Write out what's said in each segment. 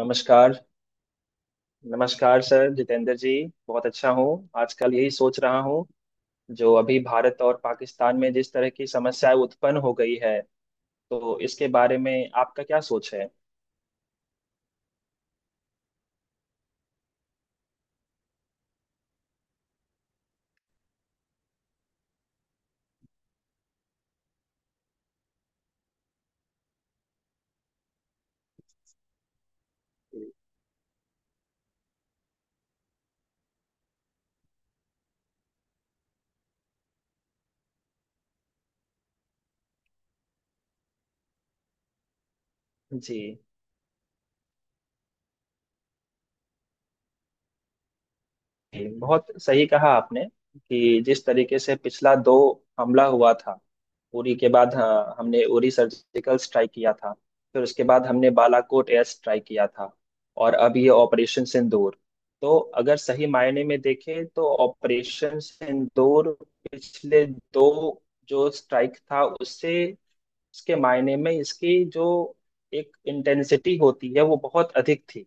नमस्कार। नमस्कार सर जितेंद्र जी। बहुत अच्छा हूँ। आजकल यही सोच रहा हूँ जो अभी भारत और पाकिस्तान में जिस तरह की समस्याएं उत्पन्न हो गई है, तो इसके बारे में आपका क्या सोच है। जी। जी, बहुत सही कहा आपने कि जिस तरीके से पिछला दो हमला हुआ था, उरी के बाद। हाँ, हमने उरी सर्जिकल स्ट्राइक किया था, फिर उसके बाद हमने बालाकोट एयर स्ट्राइक किया था, और अब ये ऑपरेशन सिंदूर। तो अगर सही मायने में देखें तो ऑपरेशन सिंदूर पिछले दो जो स्ट्राइक था, उससे उसके मायने में इसकी जो एक इंटेंसिटी होती है वो बहुत अधिक थी।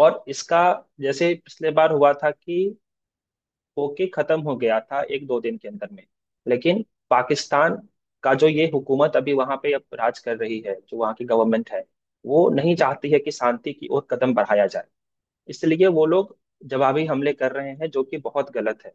और इसका जैसे पिछले बार हुआ था कि होके खत्म हो गया था एक दो दिन के अंदर में। लेकिन पाकिस्तान का जो ये हुकूमत अभी वहां पे अब राज कर रही है, जो वहां की गवर्नमेंट है, वो नहीं चाहती है कि शांति की ओर कदम बढ़ाया जाए। इसलिए वो लोग जवाबी हमले कर रहे हैं, जो कि बहुत गलत है।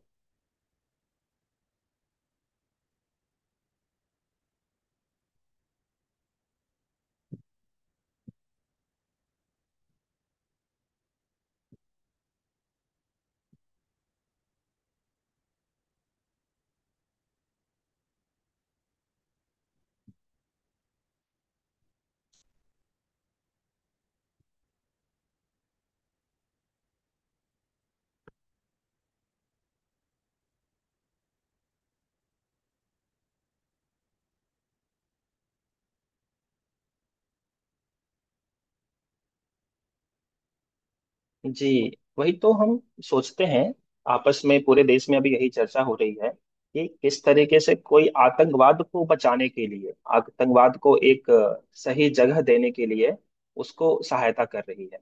जी। वही तो हम सोचते हैं। आपस में पूरे देश में अभी यही चर्चा हो रही है कि किस तरीके से कोई आतंकवाद को बचाने के लिए, आतंकवाद को एक सही जगह देने के लिए उसको सहायता कर रही है।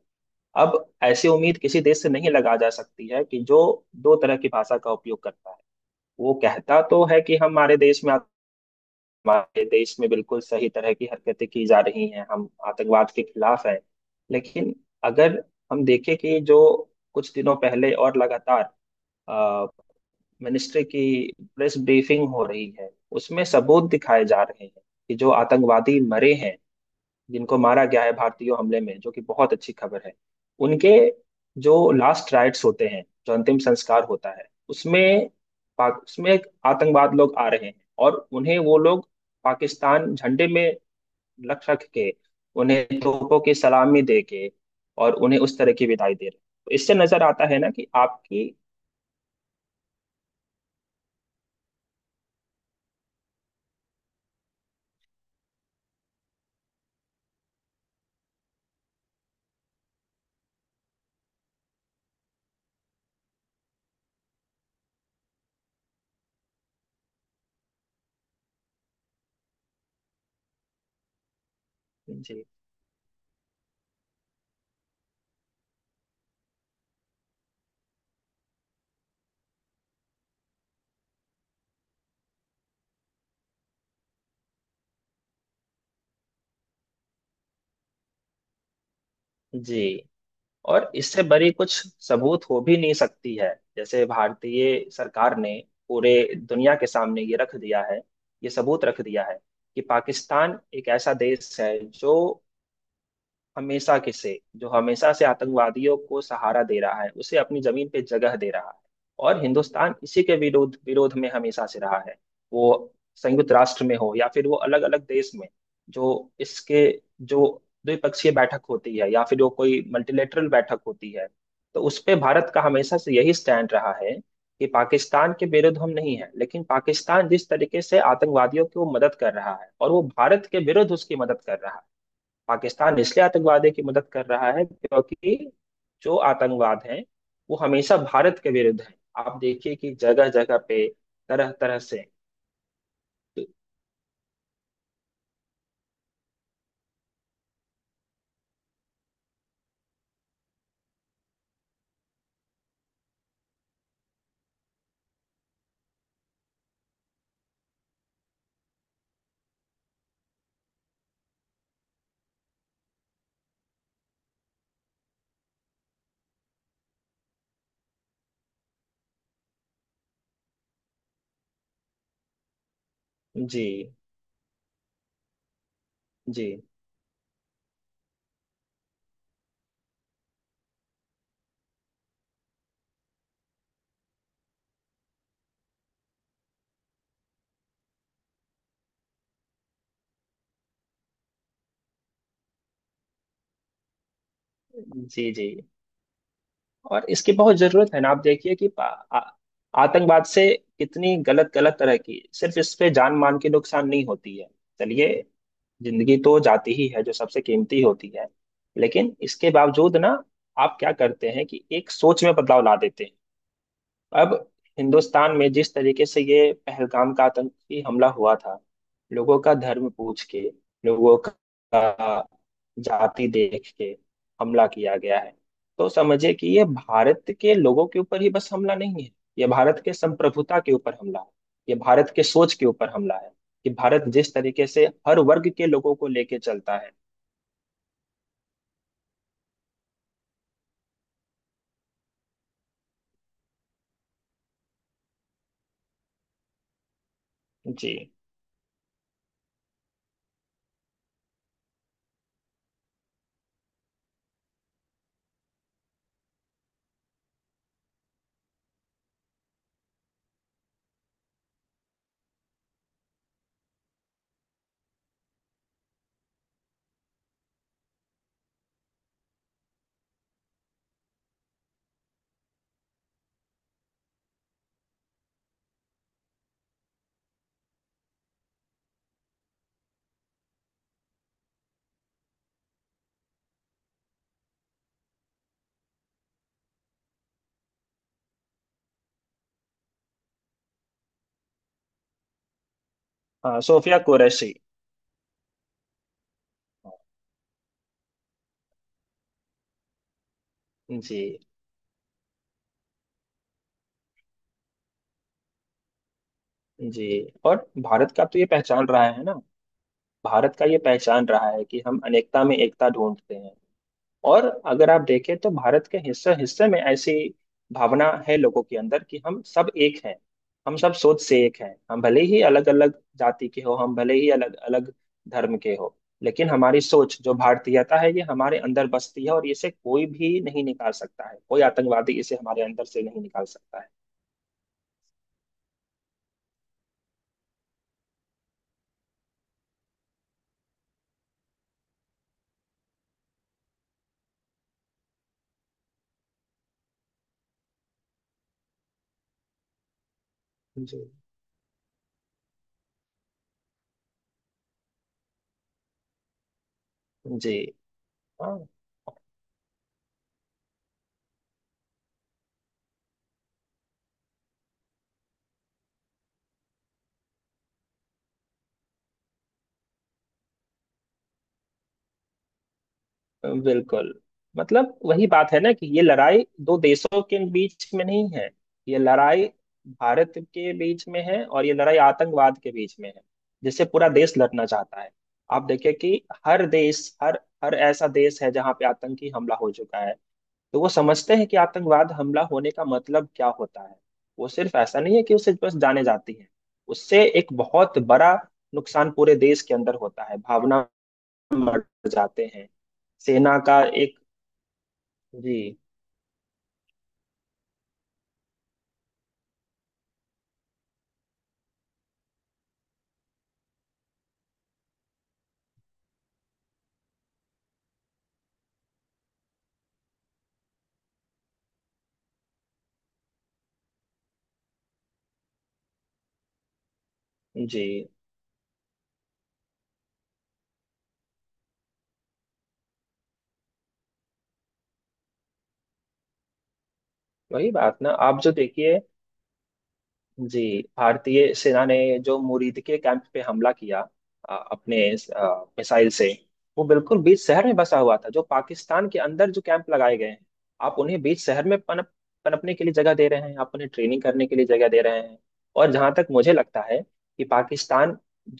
अब ऐसी उम्मीद किसी देश से नहीं लगा जा सकती है कि जो दो तरह की भाषा का उपयोग करता है। वो कहता तो है कि हमारे देश में, हमारे देश में बिल्कुल सही तरह की हरकतें की जा रही हैं, हम आतंकवाद के खिलाफ हैं। लेकिन अगर हम देखें कि जो कुछ दिनों पहले और लगातार मिनिस्ट्री की प्रेस ब्रीफिंग हो रही है, उसमें सबूत दिखाए जा रहे हैं कि जो आतंकवादी मरे हैं, जिनको मारा गया है भारतीय हमले में, जो कि बहुत अच्छी खबर है, उनके जो लास्ट राइट्स होते हैं, जो अंतिम संस्कार होता है, उसमें पाक उसमें एक आतंकवाद लोग आ रहे हैं। और उन्हें वो लोग पाकिस्तान झंडे में लख रख के, उन्हें तोपों की सलामी दे के, और उन्हें उस तरह की विदाई दे रहे हैं। तो इससे नजर आता है ना कि आपकी। जी। जी। और इससे बड़ी कुछ सबूत हो भी नहीं सकती है। जैसे भारतीय सरकार ने पूरे दुनिया के सामने ये रख दिया है, ये सबूत रख दिया है कि पाकिस्तान एक ऐसा देश है जो हमेशा के से जो हमेशा से आतंकवादियों को सहारा दे रहा है, उसे अपनी जमीन पे जगह दे रहा है। और हिंदुस्तान इसी के विरोध विरोध में हमेशा से रहा है। वो संयुक्त राष्ट्र में हो या फिर वो अलग अलग देश में, जो इसके जो द्विपक्षीय बैठक होती है या फिर वो कोई मल्टीलेटरल बैठक होती है, तो उस पे भारत का हमेशा से यही स्टैंड रहा है कि पाकिस्तान के विरुद्ध हम नहीं है, लेकिन पाकिस्तान जिस तरीके से आतंकवादियों की वो मदद कर रहा है, और वो भारत के विरुद्ध उसकी मदद कर रहा है। पाकिस्तान इसलिए आतंकवादियों की मदद कर रहा है क्योंकि जो आतंकवाद है वो हमेशा भारत के विरुद्ध है। आप देखिए कि जगह जगह पे तरह तरह से। जी जी। जी जी। और इसकी बहुत जरूरत है ना। आप देखिए कि आ- आतंकवाद से कितनी गलत गलत तरह की, सिर्फ इस पे जान मान की नुकसान नहीं होती है, चलिए जिंदगी तो जाती ही है जो सबसे कीमती होती है, लेकिन इसके बावजूद ना आप क्या करते हैं कि एक सोच में बदलाव ला देते हैं। अब हिंदुस्तान में जिस तरीके से ये पहलगाम का आतंकी हमला हुआ था, लोगों का धर्म पूछ के, लोगों का जाति देख के हमला किया गया है, तो समझिए कि ये भारत के लोगों के ऊपर ही बस हमला नहीं है। ये भारत के संप्रभुता के ऊपर हमला है। ये भारत के सोच के ऊपर हमला है। कि भारत जिस तरीके से हर वर्ग के लोगों को लेके चलता है। जी। हाँ, सोफिया कुरैशी। जी। जी। और भारत का तो ये पहचान रहा है ना। भारत का ये पहचान रहा है कि हम अनेकता में एकता ढूंढते हैं। और अगर आप देखें तो भारत के हिस्से हिस्से में ऐसी भावना है लोगों के अंदर कि हम सब एक हैं, हम सब सोच से एक हैं। हम भले ही अलग अलग जाति के हो, हम भले ही अलग अलग धर्म के हो, लेकिन हमारी सोच जो भारतीयता है ये हमारे अंदर बसती है, और इसे कोई भी नहीं निकाल सकता है, कोई आतंकवादी इसे हमारे अंदर से नहीं निकाल सकता है। जी। जी। हाँ। बिल्कुल। मतलब वही बात है ना कि ये लड़ाई दो देशों के बीच में नहीं है। ये लड़ाई भारत के बीच में है, और ये लड़ाई आतंकवाद के बीच में है, जिससे पूरा देश लड़ना चाहता है। आप देखिए कि हर देश, हर हर ऐसा देश है जहाँ पे आतंकी हमला हो चुका है, तो वो समझते हैं कि आतंकवाद हमला होने का मतलब क्या होता है। वो सिर्फ ऐसा नहीं है कि उसे बस जाने जाती है। उससे एक बहुत बड़ा नुकसान पूरे देश के अंदर होता है। भावना मर जाते हैं। सेना का एक। जी। जी। वही बात ना आप जो देखिए। जी। भारतीय सेना ने जो मुरीद के कैंप पे हमला किया अपने मिसाइल से, वो बिल्कुल बीच शहर में बसा हुआ था। जो पाकिस्तान के अंदर जो कैंप लगाए गए हैं, आप उन्हें बीच शहर में पनपने के लिए जगह दे रहे हैं, आप उन्हें ट्रेनिंग करने के लिए जगह दे रहे हैं। और जहां तक मुझे लगता है कि पाकिस्तान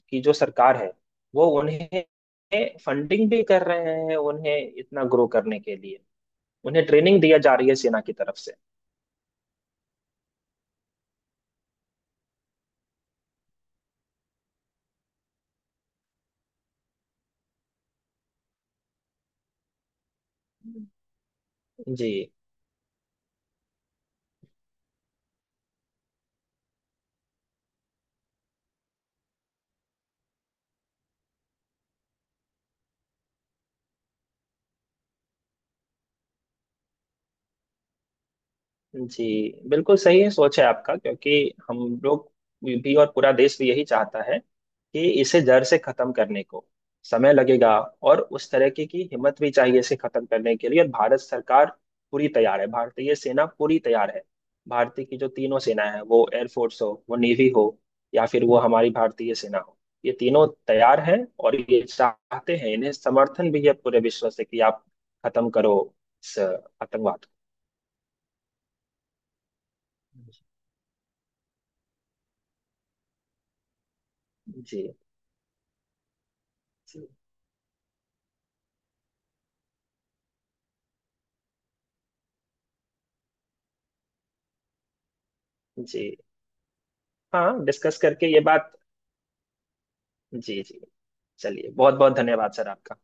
की जो सरकार है, वो उन्हें फंडिंग भी कर रहे हैं उन्हें इतना ग्रो करने के लिए। उन्हें ट्रेनिंग दिया जा रही है सेना की तरफ से। जी। जी। बिल्कुल सही है, सोच है आपका। क्योंकि हम लोग भी और पूरा देश भी यही चाहता है कि इसे जड़ से खत्म करने को समय लगेगा, और उस तरह की हिम्मत भी चाहिए इसे खत्म करने के लिए। और भारत सरकार पूरी तैयार है, भारतीय सेना पूरी तैयार है। भारतीय की जो तीनों सेना है, वो एयरफोर्स हो, वो नेवी हो, या फिर वो हमारी भारतीय सेना हो, ये तीनों तैयार हैं। और ये चाहते हैं, इन्हें समर्थन भी है पूरे विश्व से कि आप खत्म करो इस आतंकवाद को। जी। जी। हाँ, डिस्कस करके ये बात। जी। जी। चलिए, बहुत बहुत धन्यवाद सर आपका।